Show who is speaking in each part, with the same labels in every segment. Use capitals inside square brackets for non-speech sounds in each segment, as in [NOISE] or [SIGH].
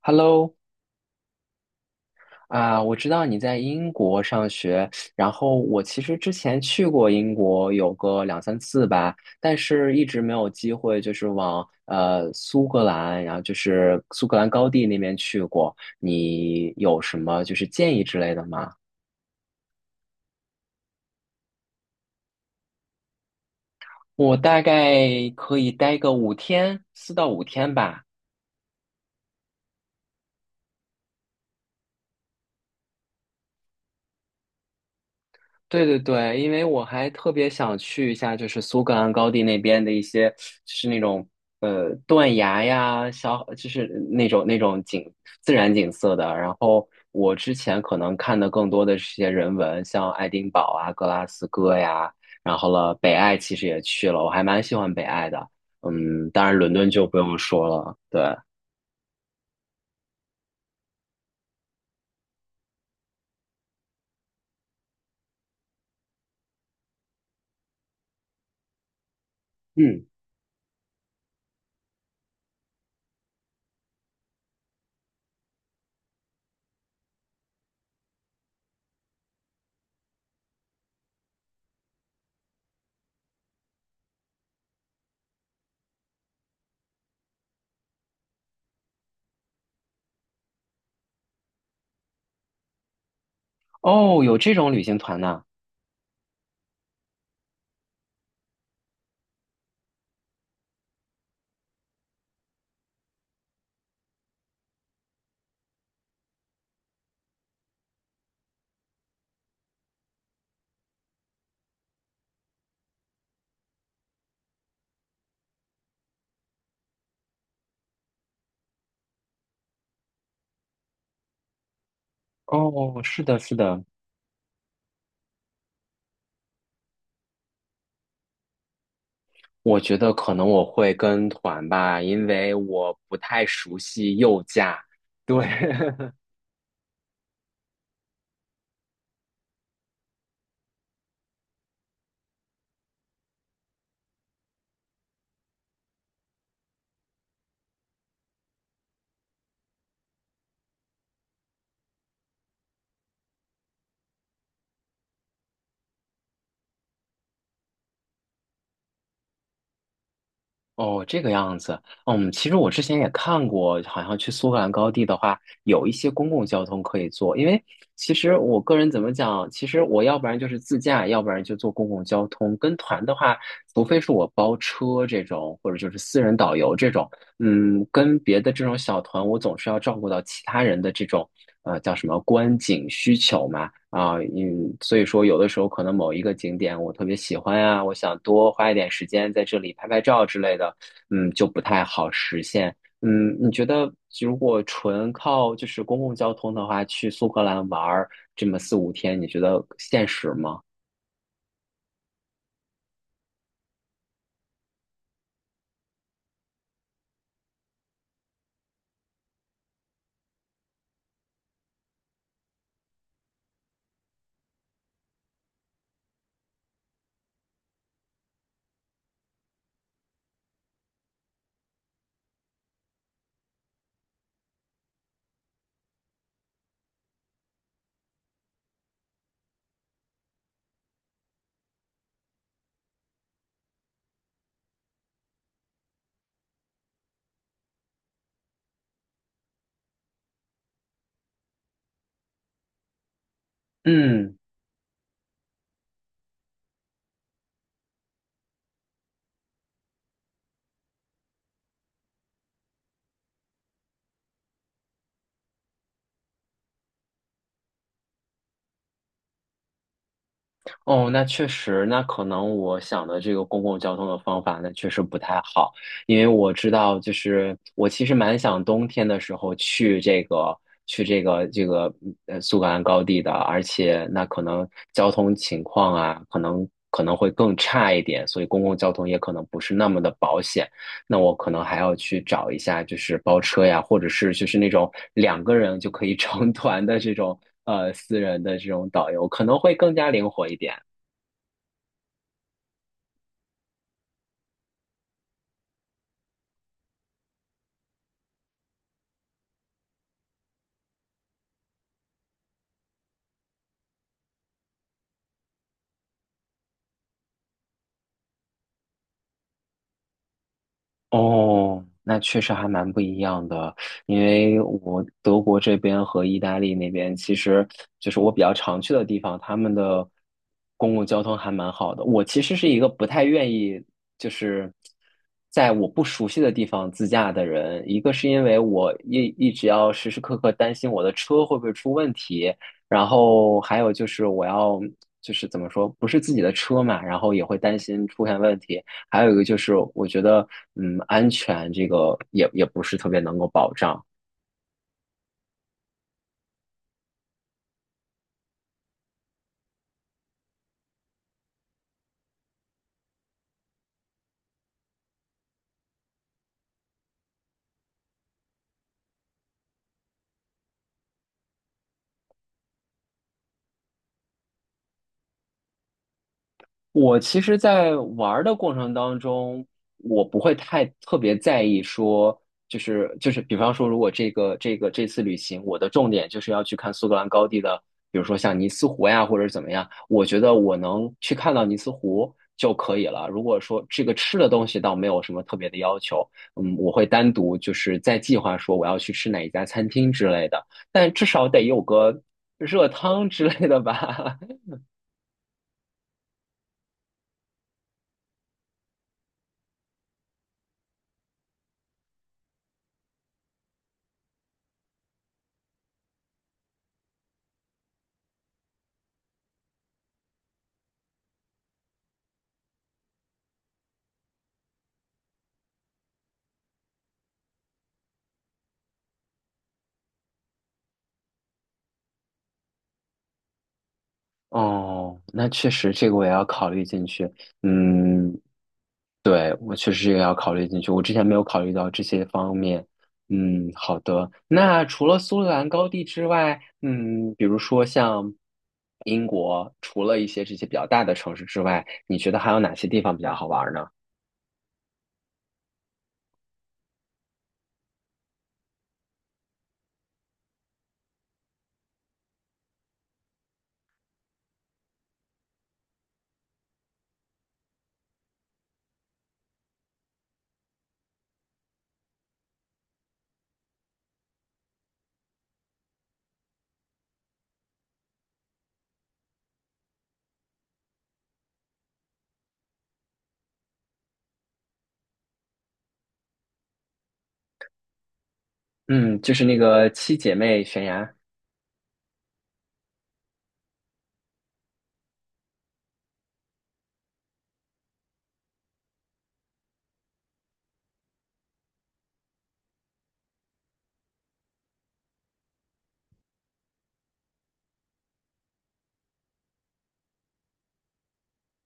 Speaker 1: Hello，啊、我知道你在英国上学，然后我其实之前去过英国有个两三次吧，但是一直没有机会，就是往苏格兰，然后就是苏格兰高地那边去过。你有什么就是建议之类的吗？我大概可以待个五天，四到五天吧。对对对，因为我还特别想去一下，就是苏格兰高地那边的一些，就是那种断崖呀，就是那种自然景色的。然后我之前可能看的更多的是一些人文，像爱丁堡啊、格拉斯哥呀，然后了北爱其实也去了，我还蛮喜欢北爱的。嗯，当然伦敦就不用说了。对，嗯，哦，有这种旅行团呐。哦，是的，是的。我觉得可能我会跟团吧，因为我不太熟悉右驾。对，[LAUGHS] 哦，这个样子。嗯，其实我之前也看过，好像去苏格兰高地的话，有一些公共交通可以坐。因为其实我个人怎么讲，其实我要不然就是自驾，要不然就坐公共交通。跟团的话，除非是我包车这种，或者就是私人导游这种，嗯，跟别的这种小团，我总是要照顾到其他人的这种叫什么观景需求嘛啊，嗯，所以说有的时候可能某一个景点我特别喜欢啊，我想多花一点时间在这里拍拍照之类的，嗯，就不太好实现。嗯，你觉得如果纯靠就是公共交通的话，去苏格兰玩儿这么四五天，你觉得现实吗？嗯。哦，那确实，那可能我想的这个公共交通的方法，那确实不太好，因为我知道，就是我其实蛮想冬天的时候去这个去这个苏格兰高地的，而且那可能交通情况啊，可能会更差一点，所以公共交通也可能不是那么的保险，那我可能还要去找一下，就是包车呀，或者是就是那种两个人就可以 [LAUGHS] 成团的这种私人的这种导游，可能会更加灵活一点。哦，那确实还蛮不一样的，因为我德国这边和意大利那边，其实就是我比较常去的地方，他们的公共交通还蛮好的。我其实是一个不太愿意就是在我不熟悉的地方自驾的人，一个是因为我一直要时时刻刻担心我的车会不会出问题，然后还有就是我要就是怎么说，不是自己的车嘛，然后也会担心出现问题。还有一个就是，我觉得，嗯，安全这个也不是特别能够保障。我其实，在玩儿的过程当中，我不会太特别在意说，就是，比方说，如果这个这次旅行，我的重点就是要去看苏格兰高地的，比如说像尼斯湖呀，或者怎么样，我觉得我能去看到尼斯湖就可以了。如果说这个吃的东西倒没有什么特别的要求，嗯，我会单独就是在计划说我要去吃哪一家餐厅之类的，但至少得有个热汤之类的吧。[LAUGHS] 哦，那确实，这个我也要考虑进去。嗯，对，我确实也要考虑进去。我之前没有考虑到这些方面。嗯，好的。那除了苏格兰高地之外，嗯，比如说像英国，除了一些这些比较大的城市之外，你觉得还有哪些地方比较好玩呢？嗯，就是那个七姐妹悬崖。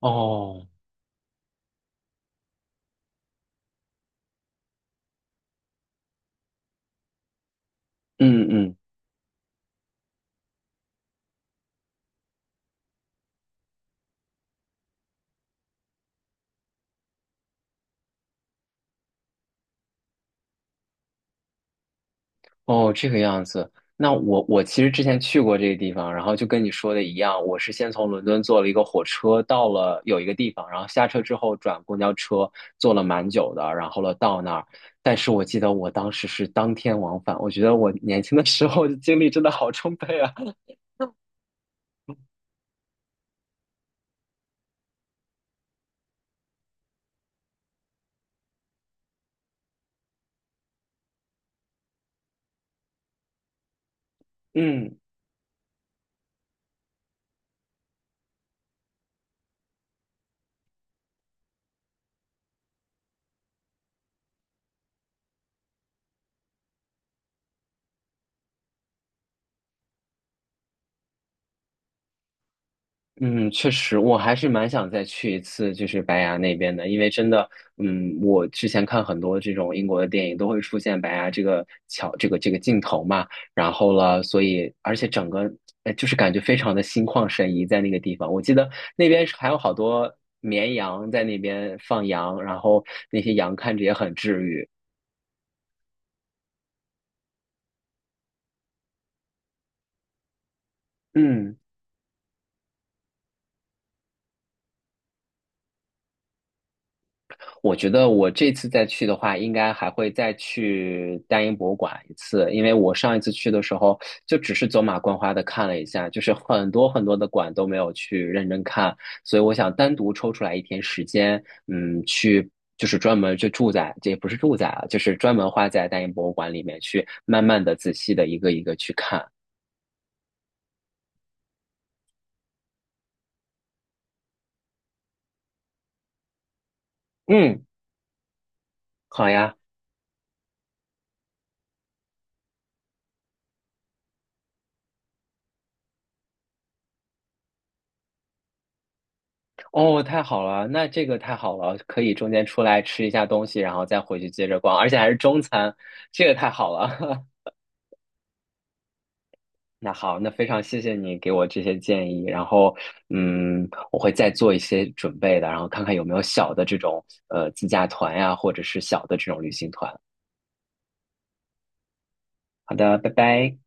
Speaker 1: 哦，嗯嗯。哦，这个样子。那我其实之前去过这个地方，然后就跟你说的一样，我是先从伦敦坐了一个火车到了有一个地方，然后下车之后转公交车，坐了蛮久的，然后了到那儿。但是我记得我当时是当天往返，我觉得我年轻的时候的经历真的好充沛啊。[LAUGHS] 嗯，嗯，确实，我还是蛮想再去一次，就是白崖那边的，因为真的，嗯，我之前看很多这种英国的电影都会出现白崖这个桥，这个镜头嘛，然后了，所以而且整个就是感觉非常的心旷神怡在那个地方。我记得那边是还有好多绵羊在那边放羊，然后那些羊看着也很治愈。嗯。我觉得我这次再去的话，应该还会再去大英博物馆一次，因为我上一次去的时候就只是走马观花的看了一下，就是很多的馆都没有去认真看，所以我想单独抽出来一天时间，嗯，去就是专门就住在，这也不是住在啊，就是专门花在大英博物馆里面去慢慢的、仔细的一个去看。嗯，好呀。哦，太好了，那这个太好了，可以中间出来吃一下东西，然后再回去接着逛，而且还是中餐，这个太好了。[LAUGHS] 那好，那非常谢谢你给我这些建议，然后嗯，我会再做一些准备的，然后看看有没有小的这种自驾团呀，或者是小的这种旅行团。好的，拜拜。